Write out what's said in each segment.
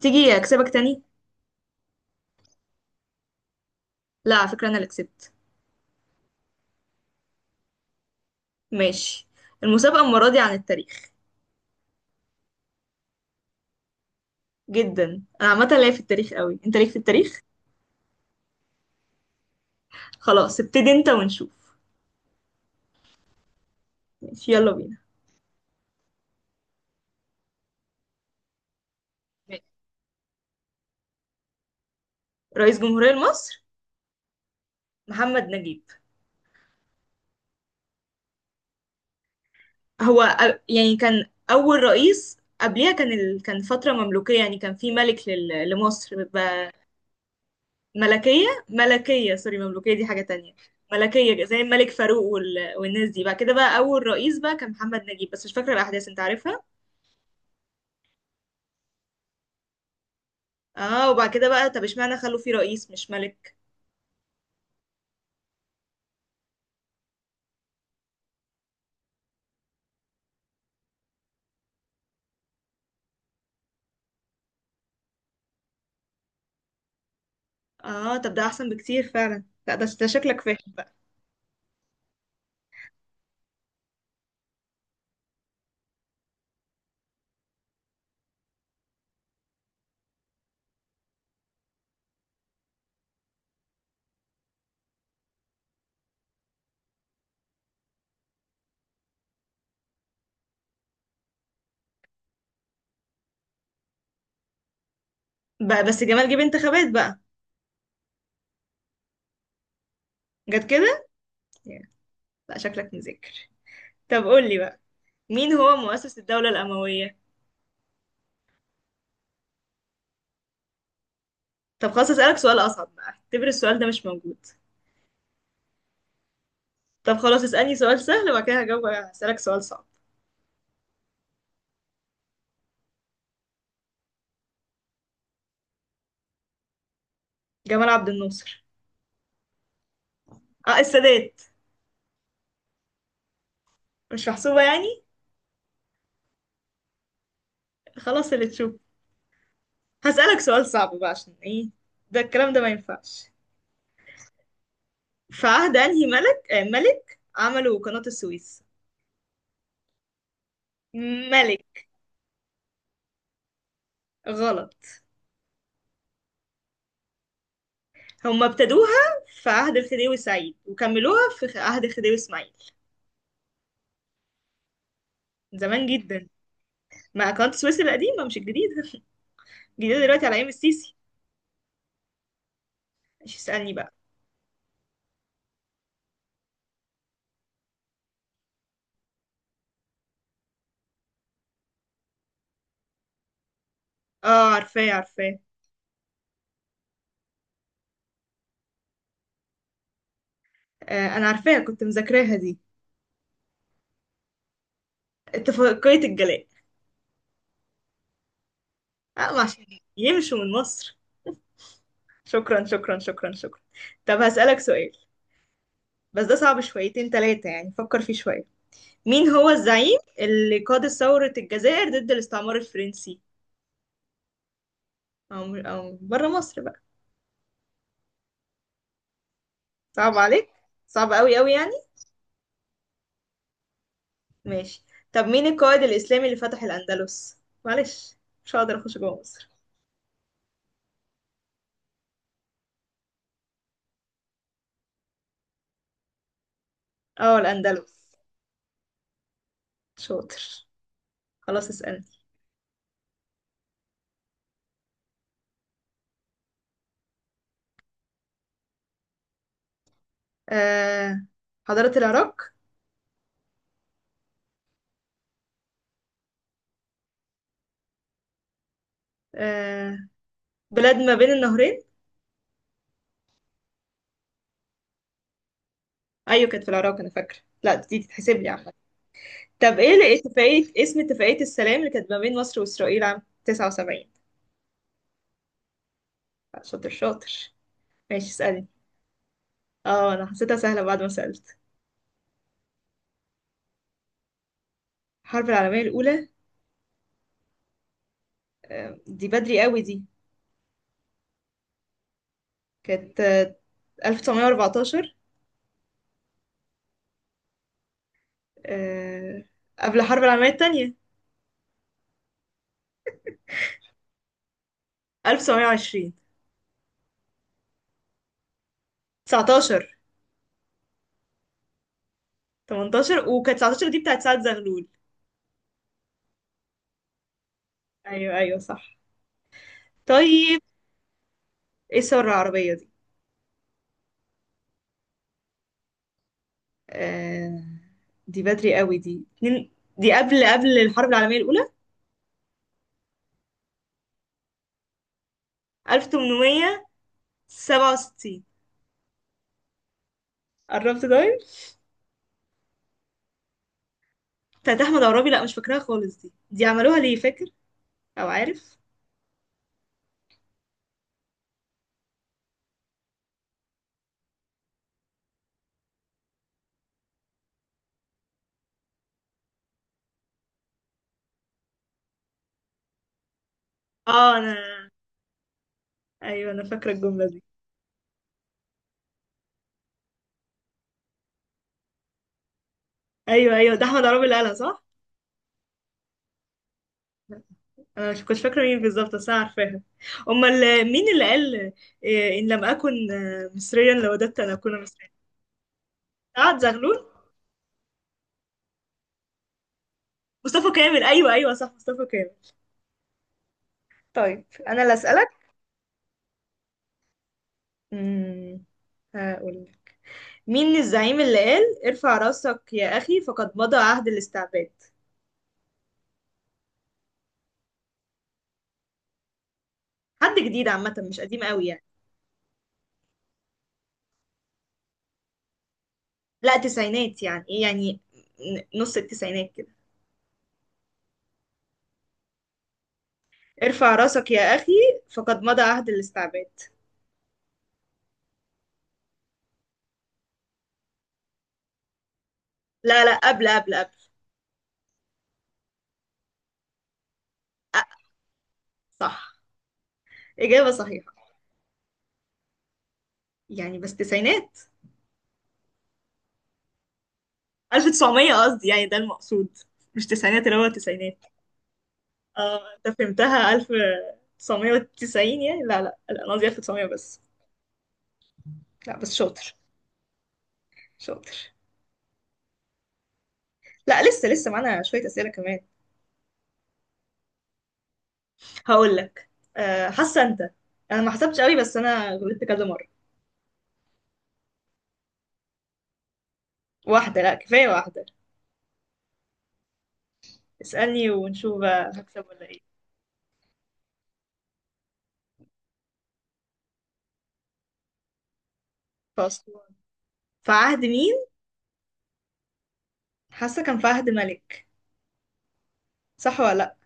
تيجي اكسبك تاني؟ لا، على فكره انا اللي كسبت. ماشي. المسابقه المره دي عن التاريخ. جدا. انا عامه ليا في التاريخ قوي، انت ليك في التاريخ؟ خلاص، ابتدي انت ونشوف. ماشي، يلا بينا. ماشي. رئيس جمهوريه مصر؟ محمد نجيب. هو يعني كان اول رئيس، قبليها كان كان فتره مملوكيه، يعني كان في ملك لمصر بيبقى ملكيه سوري، مملوكيه دي حاجه تانية. ملكيه زي الملك فاروق والناس دي. بعد كده بقى اول رئيس بقى كان محمد نجيب، بس مش فاكره الاحداث، انت عارفها. اه، وبعد كده بقى، طب اشمعنى خلوا فيه رئيس مش ملك؟ اه، طب ده احسن بكتير فعلا. لا، ده شكلك فاهم بقى بس جمال جه انتخابات بقى؟ جت كده. yeah. لا، شكلك مذاكر. طب قول لي بقى، مين هو مؤسس الدولة الأموية؟ طب خلاص، اسألك سؤال أصعب بقى، اعتبر السؤال ده مش موجود. طب خلاص، اسألني سؤال سهل، وبعد كده هجاوب، هسألك سؤال صعب. جمال عبد الناصر. اه، السادات. مش محسوبة يعني. خلاص، اللي تشوف. هسألك سؤال صعب بقى، عشان ايه ده الكلام ده ما ينفعش. في عهد انهي ملك، ملك عملوا قناة السويس؟ ملك. غلط. هم ابتدوها في عهد الخديوي سعيد، وكملوها في عهد الخديوي اسماعيل. من زمان جدا. مع قناة السويس القديمة مش الجديدة. الجديدة دلوقتي على ايام السيسي. مش اسألني بقى؟ اه، عارفاه عارفاه. آه، انا عارفاها، كنت مذاكراها دي. اتفاقية الجلاء. اه، ما عشان يمشوا من مصر. شكرا شكرا شكرا شكرا. طب هسألك سؤال، بس ده صعب شويتين تلاتة يعني، فكر فيه شوية. مين هو الزعيم اللي قاد ثورة الجزائر ضد الاستعمار الفرنسي؟ أو بره مصر بقى. صعب عليك. صعب قوي قوي يعني. ماشي. طب مين القائد الإسلامي اللي فتح الأندلس؟ معلش، مش هقدر أخش جوه مصر. اه، الأندلس. شاطر. خلاص، اسألني. آه، حضارة العراق. آه، بلاد ما بين النهرين. أيوة، كانت في العراق أنا فاكرة. لا دي تتحسب لي عامة. طب ايه اللي، إيه اتفاقية، اسم اتفاقية السلام اللي كانت ما بين مصر وإسرائيل عام 79؟ شاطر شاطر. ماشي، اسألني. اه، انا حسيتها سهلة بعد ما سألت. الحرب العالمية الأولى. دي بدري قوي دي. كانت 1914. آه، قبل الحرب العالمية التانية. 1920. 19. 18. وكانت 19 دي بتاعت سعد زغلول. ايوه ايوه صح. طيب، ايه الثورة العربية دي؟ آه، دي بدري قوي دي. دي قبل الحرب العالمية الأولى. 1867. قربت ده. بتاعت احمد عرابي؟ لا مش فاكراها خالص دي عملوها ليه فاكر او عارف؟ اه انا، ايوه انا فاكره الجمله دي. ايوه ايوه، ده احمد عرابي اللي قالها صح. انا مش كنت فاكره مين بالظبط، بس انا عارفاها. امال مين اللي قال إيه، ان لم اكن مصريا لوددت ان اكون مصريا؟ سعد زغلول. مصطفى كامل. ايوه ايوه صح، مصطفى كامل. طيب انا اللي اسالك. امم هقول، مين الزعيم اللي قال ارفع راسك يا اخي فقد مضى عهد الاستعباد؟ حد جديد عامه، مش قديم قوي يعني. لا، تسعينات يعني، ايه يعني، نص التسعينات. ارفع راسك يا أخي، فقد مضى عهد الاستعباد. لا لا، قبل. أ- صح. إجابة صحيحة. يعني بس تسعينات، 1900 قصدي يعني، ده المقصود، مش تسعينات اللي هو تسعينات. اه انت فهمتها 1990 يعني، لا لا لا انا قصدي 1900 بس. لا بس شاطر. شاطر. لا لسه لسه معانا شوية أسئلة كمان. هقول لك، حاسة انت. انا ما حسبتش قوي، بس انا غلطت كذا مرة. واحدة، لا كفاية واحدة. اسألني ونشوف بقى هكسب ولا ايه. فأسوان. في عهد مين؟ حاسه كان فهد ملك. صح ولا لا؟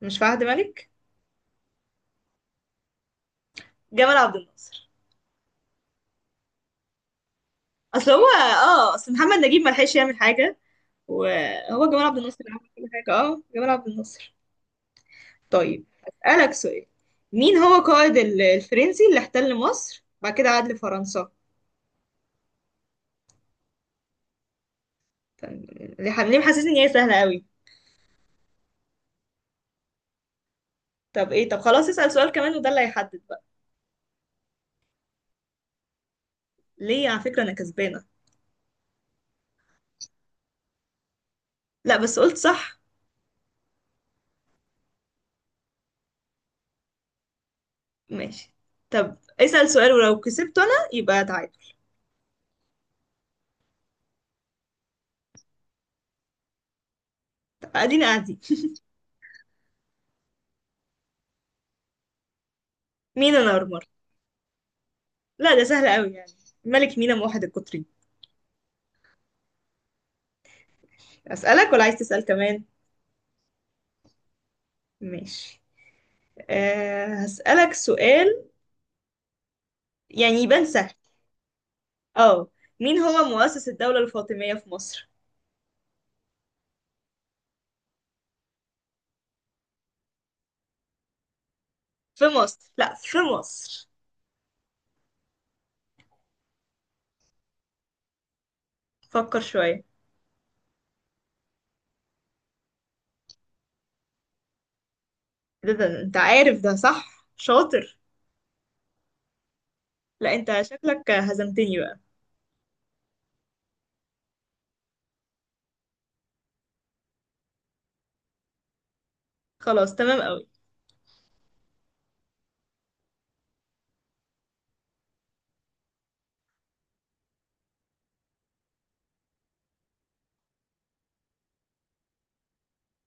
مش فهد ملك. جمال عبد الناصر. اصل هو اه، اصل محمد نجيب ما لحقش يعمل حاجه، وهو جمال عبد الناصر اللي عمل كل حاجه. اه جمال عبد الناصر. طيب، اسالك سؤال. مين هو قائد الفرنسي اللي احتل مصر بعد كده عاد لفرنسا؟ طب ليه، ليه محسسني ان هي سهله قوي؟ طب ايه، طب خلاص اسال سؤال كمان وده اللي هيحدد بقى. ليه على فكره انا كسبانه. لا بس قلت صح. ماشي. طب اسال سؤال، ولو كسبت انا يبقى تعادل. طب ادينا قاعدين. مين انا؟ لا ده سهل قوي يعني. ملك مينا موحد القطري. أسألك ولا عايز تسأل كمان؟ ماشي. أه، هسألك سؤال، يعني يبان سهل. اه. مين هو مؤسس الدولة الفاطمية في مصر؟ في مصر، لا في مصر. فكر شوية. ده انت عارف ده صح. شاطر. لا انت شكلك هزمتني بقى. خلاص تمام قوي.